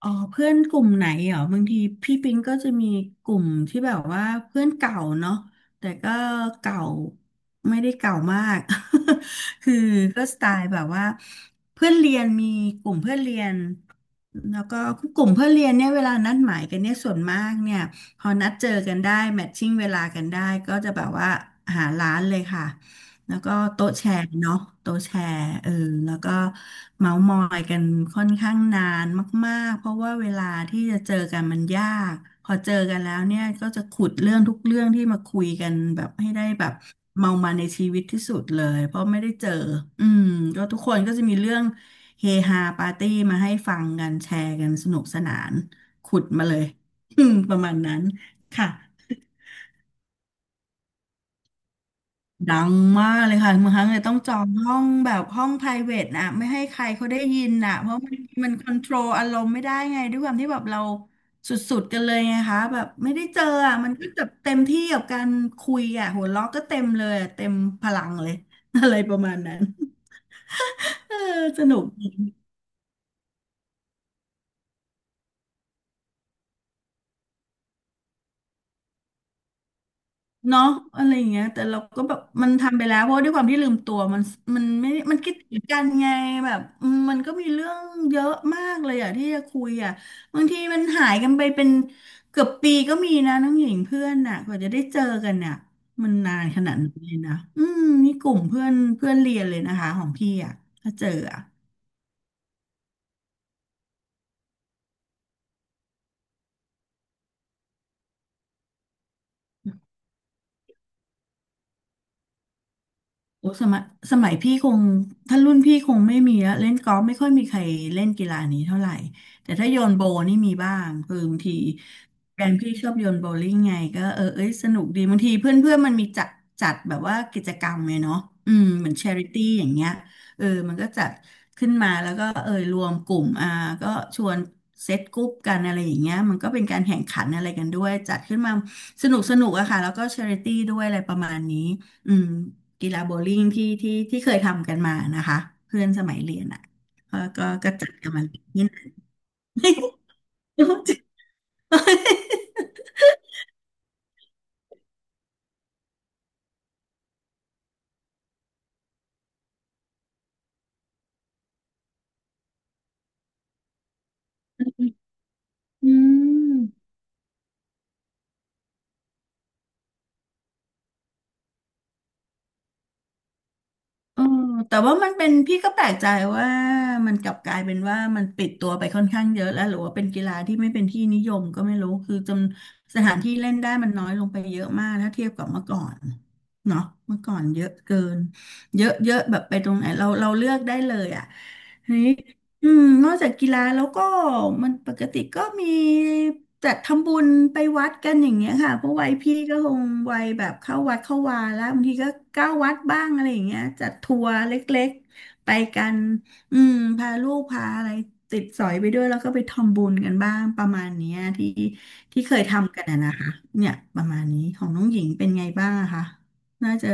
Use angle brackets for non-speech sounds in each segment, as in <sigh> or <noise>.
อ๋อเพื่อนกลุ่มไหนเหรอบางทีพี่ปิงก็จะมีกลุ่มที่แบบว่าเพื่อนเก่าเนาะแต่ก็เก่าไม่ได้เก่ามาก <laughs> คือก็สไตล์แบบว่าเพื่อนเรียนมีกลุ่มเพื่อนเรียนแล้วก็กลุ่มเพื่อนเรียนเนี่ยเวลานัดหมายกันเนี่ยส่วนมากเนี่ยพอนัดเจอกันได้แมทชิ่งเวลากันได้ก็จะแบบว่าหาร้านเลยค่ะ แล้วก็โต๊ะแชร์เนาะโต๊ะแชร์เออแล้วก็เมาส์มอยกันค่อนข้างนานมากๆเพราะว่าเวลาที่จะเจอกันมันยากพอเจอกันแล้วเนี่ยก็จะขุดเรื่องทุกเรื่องที่มาคุยกันแบบให้ได้แบบเมามาในชีวิตที่สุดเลยเพราะไม่ได้เจออืมก็ทุกคนก็จะมีเรื่องเฮฮาปาร์ตี้มาให้ฟังกันแชร์กันสนุกสนานขุดมาเลย <laughs> อืมประมาณนั้นค่ะ ดังมากเลยค่ะบางครั้งเลยต้องจองห้องแบบห้อง private นะไม่ให้ใครเขาได้ยินนะเพราะมันคอนโทรลอารมณ์ไม่ได้ไงด้วยความที่แบบเราสุดๆกันเลยไงคะแบบไม่ได้เจออ่ะมันก็แบบเต็มที่กับการคุยอ่ะหัวเราะก็เต็มเลยอะเต็มพลังเลย <laughs> อะไรประมาณนั้น <laughs> เออสนุกดี เนาะอะไรอย่างเงี้ยแต่เราก็แบบมันทำไปแล้วเพราะว่าด้วยความที่ลืมตัวมันมันไม่มันคิดถึงกันไงแบบอืมมันก็มีเรื่องเยอะมากเลยอะที่จะคุยอะบางทีมันหายกันไปเป็นเกือบปีก็มีนะน้องหญิงเพื่อนน่ะกว่าจะได้เจอกันน่ะมันนานขนาดนี้นเลยนะอืมนี่กลุ่มเพื่อนเพื่อนเรียนเลยนะคะของพี่อะถ้าเจออะ โอ้สมัยสมัยพี่คงถ้ารุ่นพี่คงไม่มีแล้วเล่นกอล์ฟไม่ค่อยมีใครเล่นกีฬานี้เท่าไหร่แต่ถ้าโยนโบนี่มีบ้างคือบางทีแฟนพี่ชอบโยนโบลิ่งไงก็เออเอ้ยสนุกดีบางทีเพื่อนเพื่อนมันมีจัดจัดแบบว่ากิจกรรมไงเนาะอืมเหมือนชาริตี้อย่างเงี้ยเออมันก็จัดขึ้นมาแล้วก็เออรวมกลุ่มอ่าก็ชวนเซตกรุ๊ปกันอะไรอย่างเงี้ยมันก็เป็นการแข่งขันอะไรกันด้วยจัดขึ้นมาสนุกอะค่ะแล้วก็ชาริตี้ด้วยอะไรประมาณนี้อืม กีฬาโบว์ลิ่งที่เคยทำกันมานะคะเพื่อนสมัยเรียนอ่ะก็จัดกันมาเล่นี่ <laughs> น เออแต่ว่ามันเป็นพี่ก็แปลกใจว่ามันกลับกลายเป็นว่ามันปิดตัวไปค่อนข้างเยอะแล้วหรือว่าเป็นกีฬาที่ไม่เป็นที่นิยมก็ไม่รู้คือจำสถานที่เล่นได้มันน้อยลงไปเยอะมากถ้าเทียบกับเมื่อก่อนเนาะเมื่อก่อนเยอะเกินเยอะเยอะแบบไปตรงไหนเราเลือกได้เลยอ่ะทีนี้อืมนอกจากกีฬาแล้วก็มันปกติก็มี จัดทำบุญไปวัดกันอย่างเงี้ยค่ะเพราะวัยพี่ก็คงวัยแบบเข้าวัดเข้าวาแล้วบางทีก็เก้าวัดบ้างอะไรอย่างเงี้ยจัดทัวร์เล็กๆไปกันอืมพาลูกพาอะไรติดสอยไปด้วยแล้วก็ไปทำบุญกันบ้างประมาณเนี้ยที่เคยทำกันนะคะเนี่ยประมาณนี้ของน้องหญิงเป็นไงบ้างอะคะน่าจะ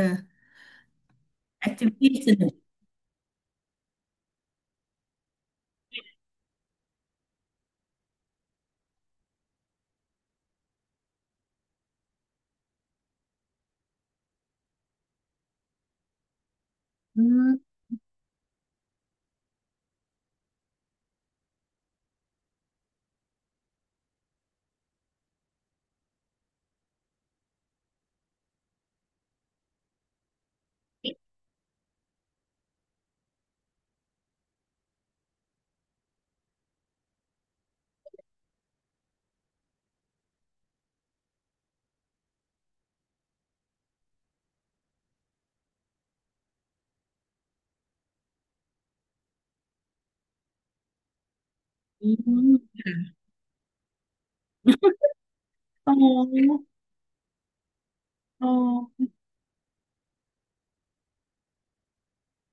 แอคทิวิตี้สนุกอืมอืมอ๋ออ๋อ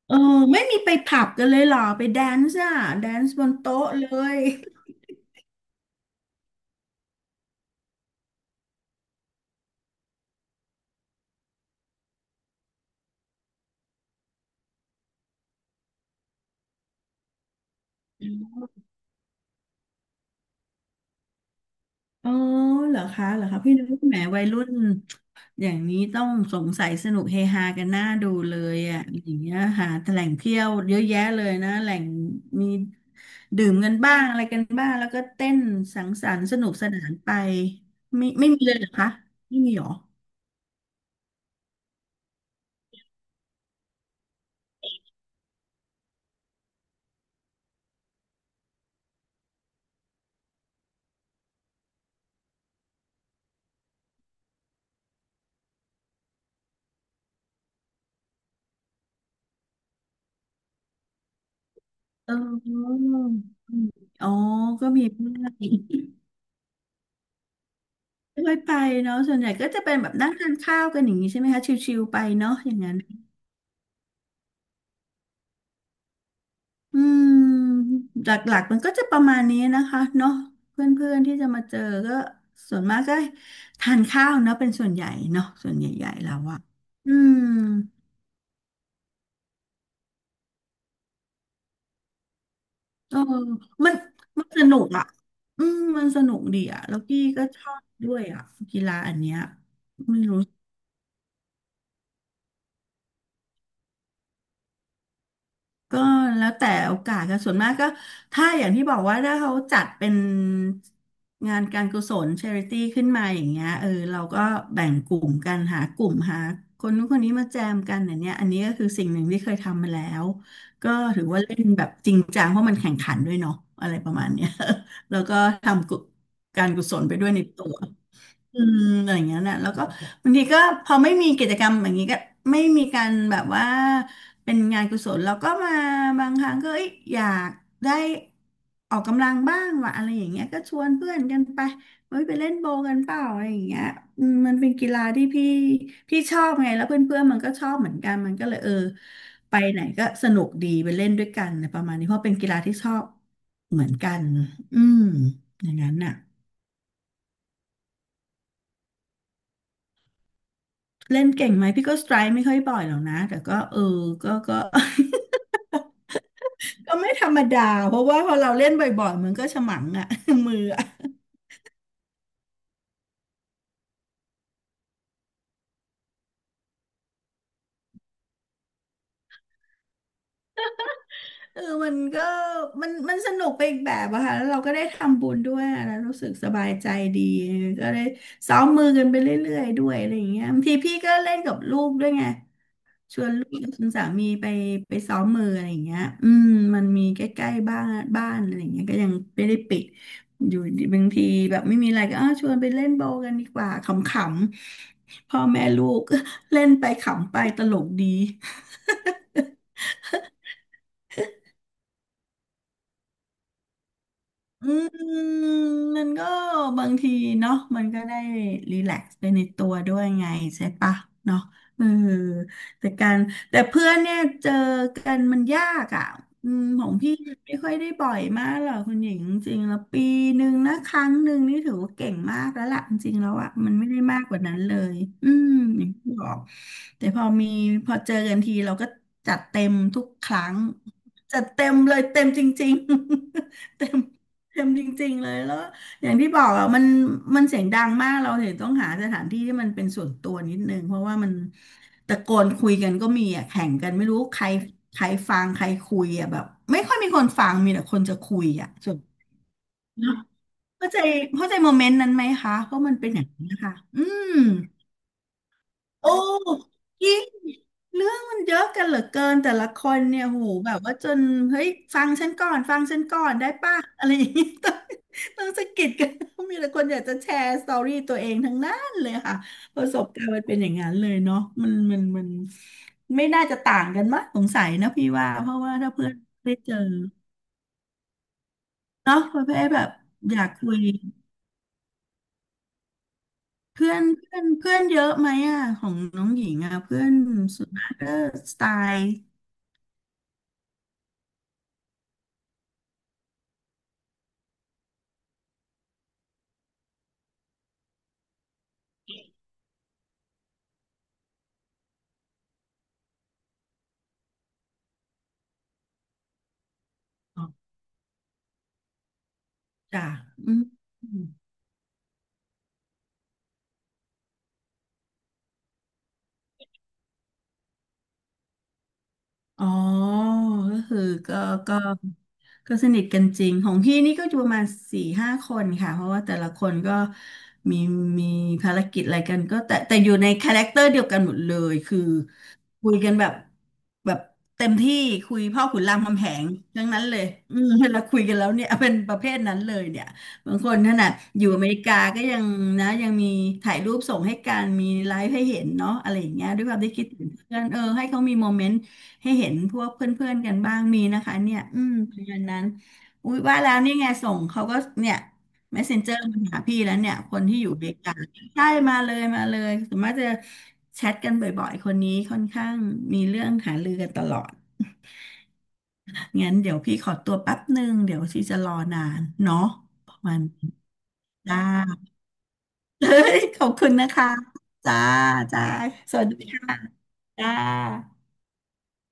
เออไม่มีไปผับกันเลยเหรอไปแดนซ์อ่ะแดนซ์บนโต๊ะเลย อ๋อเหรอคะเหรอคะพี่นึกว่าแหมวัยรุ่นอย่างนี้ต้องสงสัยสนุกเฮฮากันหน้าดูเลยอ่ะอย่างเงี้ยหาแต่แหล่งเที่ยวเยอะแยะเลยนะแหล่งมีดื่มกันบ้างอะไรกันบ้างแล้วก็เต้นสังสรรค์สนุกสนานไปไม่มีเลยเหรอคะไม่มีเหรอเอออ๋อก็มีบ้างไม่ค่อยไปเนาะส่วนใหญ่ก็จะเป็นแบบนั่งทานข้าวกันอย่างนี้ใช่ไหมคะชิวๆไปเนาะอย่างนั้น อืมหลักๆมันก็จะประมาณนี้นะคะเนาะเพื่อนๆที่จะมาเจอก็ส่วนมากก็ทานข้าวเนาะเป็นส่วนใหญ่เนาะส่วนใหญ่ๆแล้วอะอืมเออมันมันสนุกอะอืมมันสนุกดีอะแล้วกี้ก็ชอบด้วยอะกีฬาอันเนี้ยไม่รู้ ก็แล้วแต่โอกาสค่ะส่วนมากก็ถ้าอย่างที่บอกว่าถ้าเขาจัดเป็นงานการกุศลช h ริตี้ขึ้นมาอย่างเงี้ยเราก็แบ่งกลุ่มกันหากลุ่มหาคนนู้นคนนี้มาแจมกันอย่างเนี้ยอันนี้ก็คือสิ่งหนึ่งที่เคยทำมาแล้วก็ถือว่าเล่นแบบจริงจังเพราะมันแข่งขันด้วยเนาะอะไรประมาณเนี้ย <laughs> แล้วก็ทำกุการกุศลไปด้วยในตัว อืมอย่างเงี้ยนะแล้วก็บางทีก็พอไม่มีกิจกรรมอย่างนี้ก็ไม่มีการแบบว่าเป็นงานกุศลเราก็มาบางครั้งก็เอ้ยอยากได้ออกกำลังบ้างว่ะอะไรอย่างเงี้ยก็ชวนเพื่อนกันไปเฮ้ยไปเล่นโบว์กันเปล่าอะไรอย่างเงี้ยอืมมันเป็นกีฬาที่พี่ชอบไงแล้วเพื่อนเพื่อนมันก็ชอบเหมือนกันมันก็เลยไปไหนก็สนุกดีไปเล่นด้วยกันอะไรประมาณนี้เพราะเป็นกีฬาที่ชอบเหมือนกันอืมอย่างนั้นน่ะ เล่นเก่งไหมพี่ก็สไตร์ไม่ค่อยบ่อยหรอกนะแต่ก็ก็ <laughs> ก็ไม่ธรรมดาเพราะว่าพอเราเล่นบ่อยๆมันก็ฉมังอะ <laughs> มืออะมันก็มันสนุกไปอีกแบบอะค่ะแล้วเราก็ได้ทำบุญด้วยแล้วรู้สึกสบายใจดีก็ได้ซ้อมมือกันไปเรื่อยๆด้วยอะไรอย่างเงี้ยบางทีพี่ก็เล่นกับลูกด้วยไง ชวนลูกชวนสามีไปไปซ้อมมืออะไรอย่างเงี้ยอืมมันมีใกล้ๆบ้านอะไรอย่างเงี้ยก็ยังไม่ได้ปิด อยู่ดีบางทีแบบไม่มีอะไรก็อ้าวชวนไปเล่นโบว์กันดีกว่าขำๆพ่อแม่ลูก <laughs> เล่นไปขำไปตลกดี อืมมันก็บางทีเนาะมันก็ได้รีแลกซ์ไปในตัวด้วยไงใช่ปะเนาะเออแต่การแต่เพื่อนเนี่ยเจอกันมันยากอ่ะอืมของพี่ไม่ค่อยได้บ่อยมากหรอกคุณหญิงจริงๆแล้วปีหนึ่งนะครั้งหนึ่งนี่ถือว่าเก่งมากแล้วล่ะจริงๆแล้วอ่ะมันไม่ได้มากกว่านั้นเลยอืมอย่างที่บอกแต่พอมีพอเจอกันทีเราก็จัดเต็มทุกครั้งจัดเต็มเลยเต็มจริงๆ <laughs> เต็ม เค็มจริงๆเลยแล้วอย่างที่บอกอ่ะมันเสียงดังมากเราถึงต้องหาสถานที่ที่มันเป็นส่วนตัวนิดนึงเพราะว่ามันตะโกนคุยกันก็มีอ่ะแข่งกันไม่รู้ใครใครฟังใครคุยอ่ะแบบไม่ค่อยมีคนฟังมีแต่คนจะคุยอ่ะส่วนเนอะเข้าใจเข้าใจโมเมนต์นั้นไหมคะเพราะมันเป็นอย่างนี้นนะคะอืม โอ้จริงเรื่องมันเยอะกันเหลือเกินแต่ละคนเนี่ยโหแบบว่าจนเฮ้ยฟังฉันก่อนฟังฉันก่อนได้ป่ะอะไรอย่างนี้ต้องสะกิดกันมีแต่คนอยากจะแชร์สตอรี่ตัวเองทั้งนั้นเลยค่ะประสบการณ์มันเป็นอย่างนั้นเลยเนาะมันไม่น่าจะต่างกันมั้งสงสัยนะพี่ว่าเพราะว่าถ้าเพื่อนได้เจอเนาะประเภทแบบอยากคุยเพื่อนเพื่อนเพื่อนเยอะไหมอ่ะของน้องหญิงอ่ะเพื่อนส่วนมากก็สไตล์ จ้ะอืมอืม อ๋อก็คือก็ก็ก็สนิทกันจริง ของพี่นี่ก็อยู่ประมาณสี่ห้าคนค่ะ เพราะว่าแต่ละคนก็มีมีภารกิจอะไรกันก็แต่อยู่ในคาแรคเตอร์เดียวกันหมดเลยคือคุยกันแบบเต็มที่คุยพ่อขุนรามคำแหงทั้งนั้นเลยอืมเวลาคุยกันแล้วเนี่ยเป็นประเภทนั้นเลยเนี่ยบางคนขนาดอยู่อเมริกาก็ยังนะยังมีถ่ายรูปส่งให้กันมีไลฟ์ให้เห็นเนาะอะไรอย่างเงี้ยด้วยความที่คิดถึงเพื่อนให้เขามีโมเมนต์ ให้เห็นพวกเพื่อนๆกันบ้างมีนะคะเนี่ยอืมประมาณนั้นอุ้ยว่าแล้วนี่ไงส่งเขาก็เนี่ย Messenger มาหาพี่แล้วเนี่ยคนที่อยู่เบกาใช่มาเลยมาเลยสมมติจะแชทกันบ่อยๆคนนี้ค่อนข้างมีเรื่องหารือกันตลอด <laughs> งั้นเดี๋ยวพี่ขอตัวแป๊บหนึ่งเดี๋ยวที่จะรอนานเนาะประมาณนี้จ้า <laughs> เฮ้ยขอบคุณนะคะจ้าจ้าสวัสดีค่ะจ้า